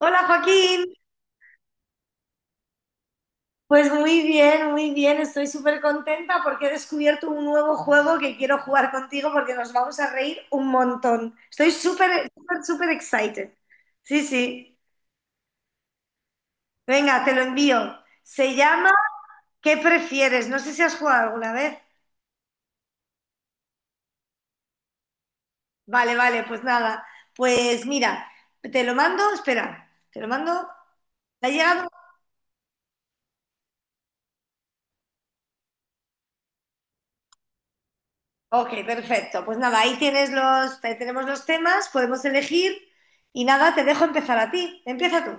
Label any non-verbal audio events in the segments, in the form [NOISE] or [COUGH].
Hola Joaquín, pues muy bien, estoy súper contenta porque he descubierto un nuevo juego que quiero jugar contigo porque nos vamos a reír un montón. Estoy súper, súper, súper excited. Sí, sí, venga, te lo envío. Se llama ¿Qué prefieres? No sé si has jugado alguna vez. Vale, vale, pues nada. Pues mira, te lo mando, espera, te lo mando. ¿Te ha llegado? Ok, perfecto. Pues nada, ahí tienes los, ahí tenemos los temas, podemos elegir y nada, te dejo empezar a ti. Empieza tú.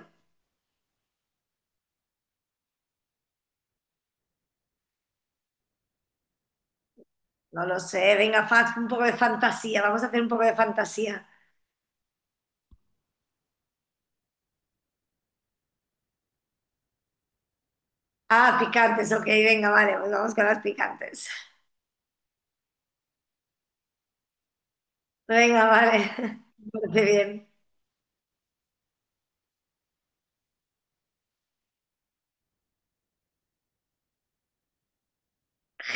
No lo sé, venga, faz un poco de fantasía, vamos a hacer un poco de fantasía. Ah, picantes, ok, venga, vale, pues vamos con las picantes. Venga, vale, [LAUGHS] me parece bien.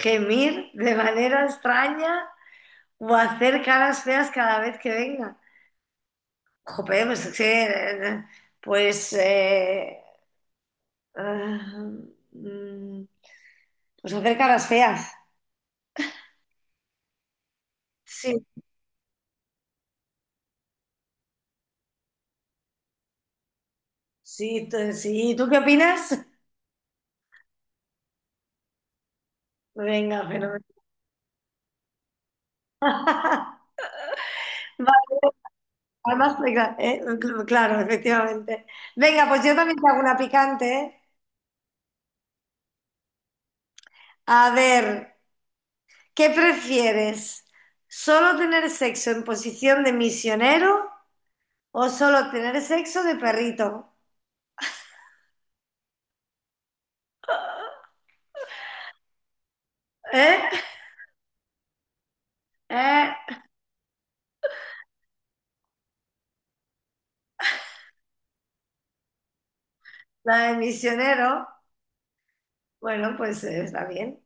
Gemir de manera extraña o hacer caras feas cada vez que venga. Jope, pues es que, pues, ah, mm, pues hacer caras feas. Sí, Sí, sí, ¿tú qué opinas? Venga, fenomenal. [LAUGHS] Vale, Además, venga, claro, efectivamente. Venga, pues yo también te hago una picante, ¿eh? A ver, ¿qué prefieres? ¿Solo tener sexo en posición de misionero o solo tener sexo de perrito? ¿Eh? ¿Eh? La de misionero. Bueno, pues está bien.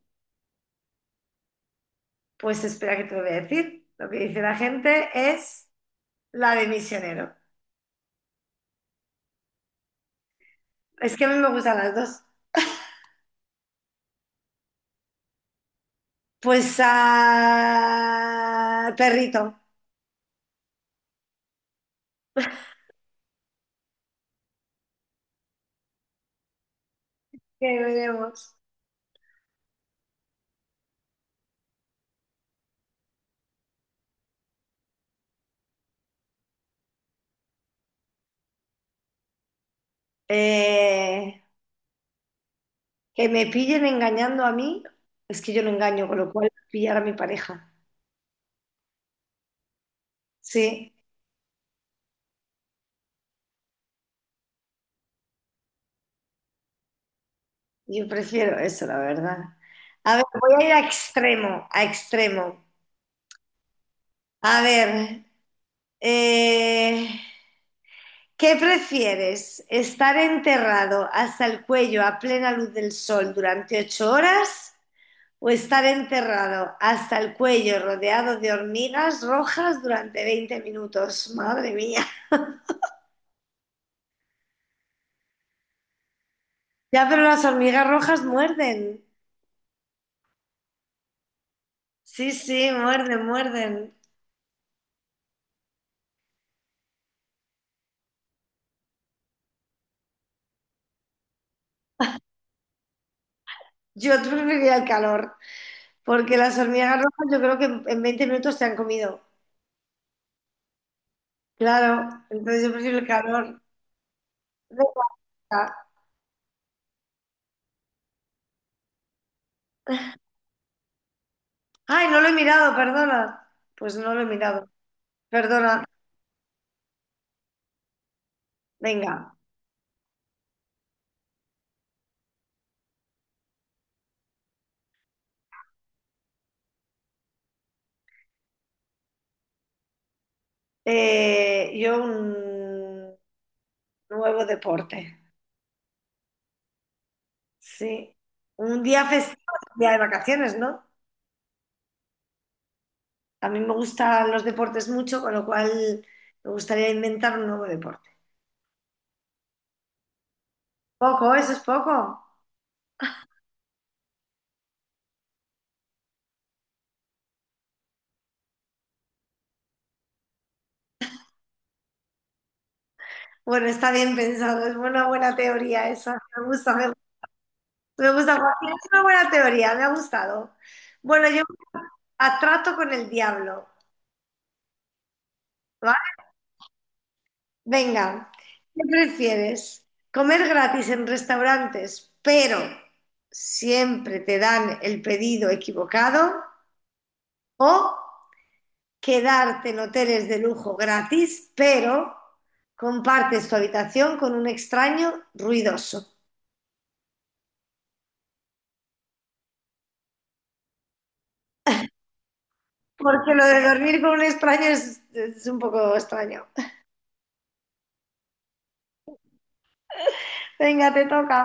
Pues espera que te lo voy a decir. Lo que dice la gente es la de misionero. Es que a mí me gustan las dos. Pues a perrito, que veremos. Eh, que me pillen engañando a mí, es que yo no engaño, con lo cual pillar a mi pareja. Sí, yo prefiero eso, la verdad. A ver, voy a ir a extremo, a extremo. A ver, eh, ¿qué prefieres? ¿Estar enterrado hasta el cuello a plena luz del sol durante 8 horas o estar enterrado hasta el cuello rodeado de hormigas rojas durante 20 minutos? Madre mía. Ya, pero las hormigas rojas muerden. Sí, sí, muerden, muerden. Yo preferiría el calor, porque las hormigas rojas yo creo que en 20 minutos te han comido. Claro, entonces yo prefiero el calor. Da igual. Ay, no lo he mirado, perdona. Pues no lo he mirado. Perdona. Venga, yo un nuevo deporte. Sí. Un día festivo es un día de vacaciones, ¿no? A mí me gustan los deportes mucho, con lo cual me gustaría inventar un nuevo deporte. Poco, eso es poco. Bueno, está bien pensado, es una buena teoría esa. Me gusta, me gusta. Joaquín, es una buena teoría, me ha gustado. Bueno, yo a trato con el diablo, ¿vale? Venga, ¿qué prefieres? ¿Comer gratis en restaurantes, pero siempre te dan el pedido equivocado? ¿O quedarte en hoteles de lujo gratis, pero compartes tu habitación con un extraño ruidoso? Porque lo de dormir con un extraño es un poco extraño. Venga, te toca.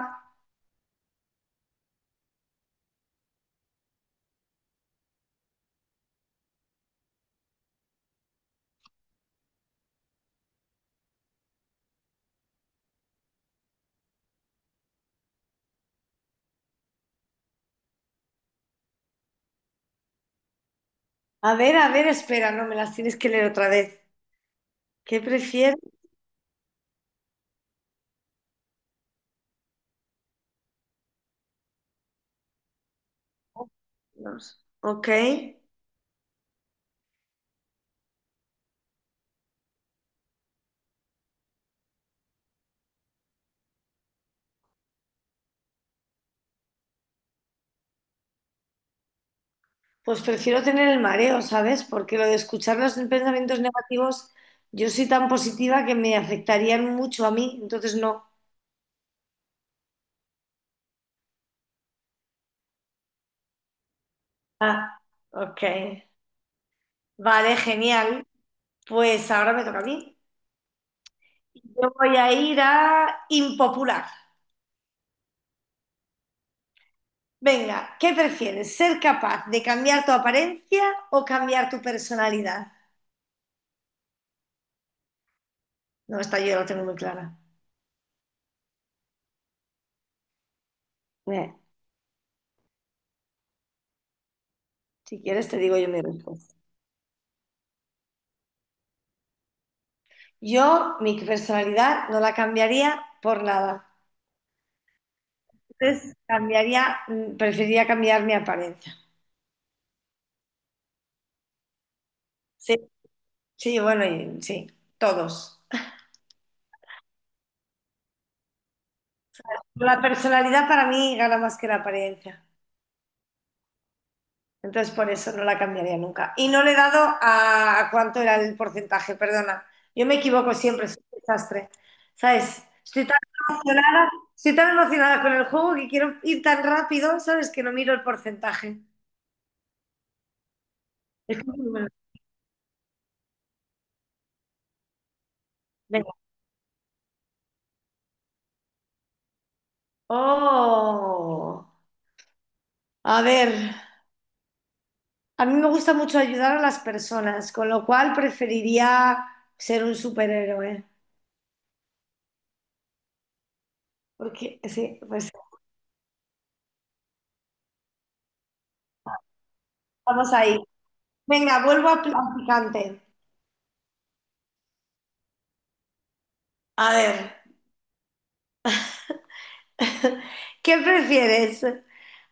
A ver, espera, no me las tienes que leer otra vez. ¿Qué prefieres? Ok. Pues prefiero tener el mareo, ¿sabes? Porque lo de escuchar los pensamientos negativos, yo soy tan positiva que me afectarían mucho a mí, entonces no. Ah, ok. Vale, genial. Pues ahora me toca a mí. Yo voy a ir a impopular. Venga, ¿qué prefieres? ¿Ser capaz de cambiar tu apariencia o cambiar tu personalidad? No, esta yo la tengo muy clara. Eh, si quieres te digo yo mi respuesta. Yo mi personalidad no la cambiaría por nada. Entonces cambiaría, preferiría cambiar mi apariencia. Sí, sí, bueno, sí, todos. La personalidad para mí gana más que la apariencia. Entonces por eso no la cambiaría nunca. Y no le he dado a, cuánto era el porcentaje, perdona. Yo me equivoco siempre, soy un desastre. ¿Sabes? Emocionada, estoy tan emocionada con el juego que quiero ir tan rápido, ¿sabes? Que no miro el porcentaje. Bueno, venga. Oh, a ver, a mí me gusta mucho ayudar a las personas, con lo cual preferiría ser un superhéroe. Porque sí, pues estamos ahí. Venga, vuelvo a a picante. A ver. [LAUGHS] ¿Qué prefieres?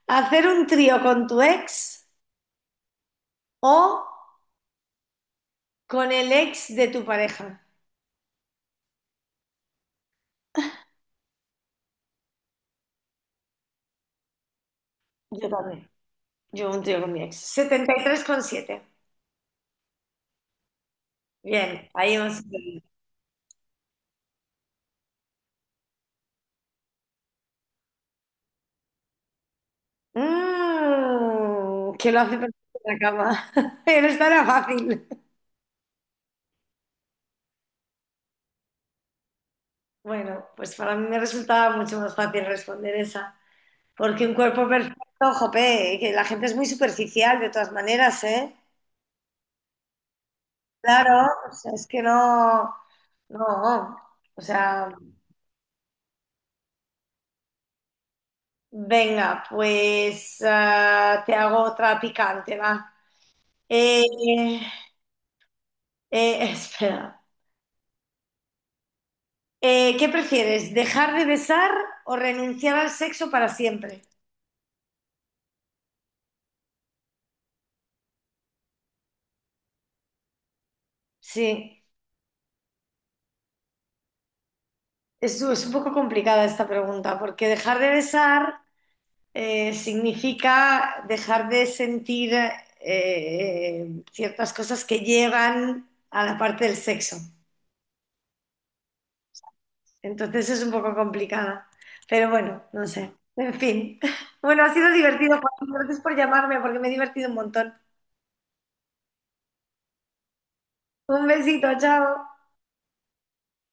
¿Hacer un trío con tu ex o con el ex de tu pareja? Yo también. Yo un trío con mi ex. 73,7. Bien, ahí vamos. Mmm, que lo hace perfecto en la cama. [LAUGHS] Pero esta era fácil. Bueno, pues para mí me resultaba mucho más fácil responder esa. Porque un cuerpo perfecto, jope, que la gente es muy superficial de todas maneras, ¿eh? Claro, o sea, es que no, no, o sea, venga, pues te hago otra picante, va. Eh, [LAUGHS] espera, ¿qué prefieres, dejar de besar o renunciar al sexo para siempre? Sí, es un poco complicada esta pregunta, porque dejar de besar significa dejar de sentir ciertas cosas que llegan a la parte del sexo. Entonces es un poco complicada. Pero bueno, no sé. En fin. [LAUGHS] Bueno, ha sido divertido, Juan. Gracias por llamarme porque me he divertido un montón. Un besito, chao.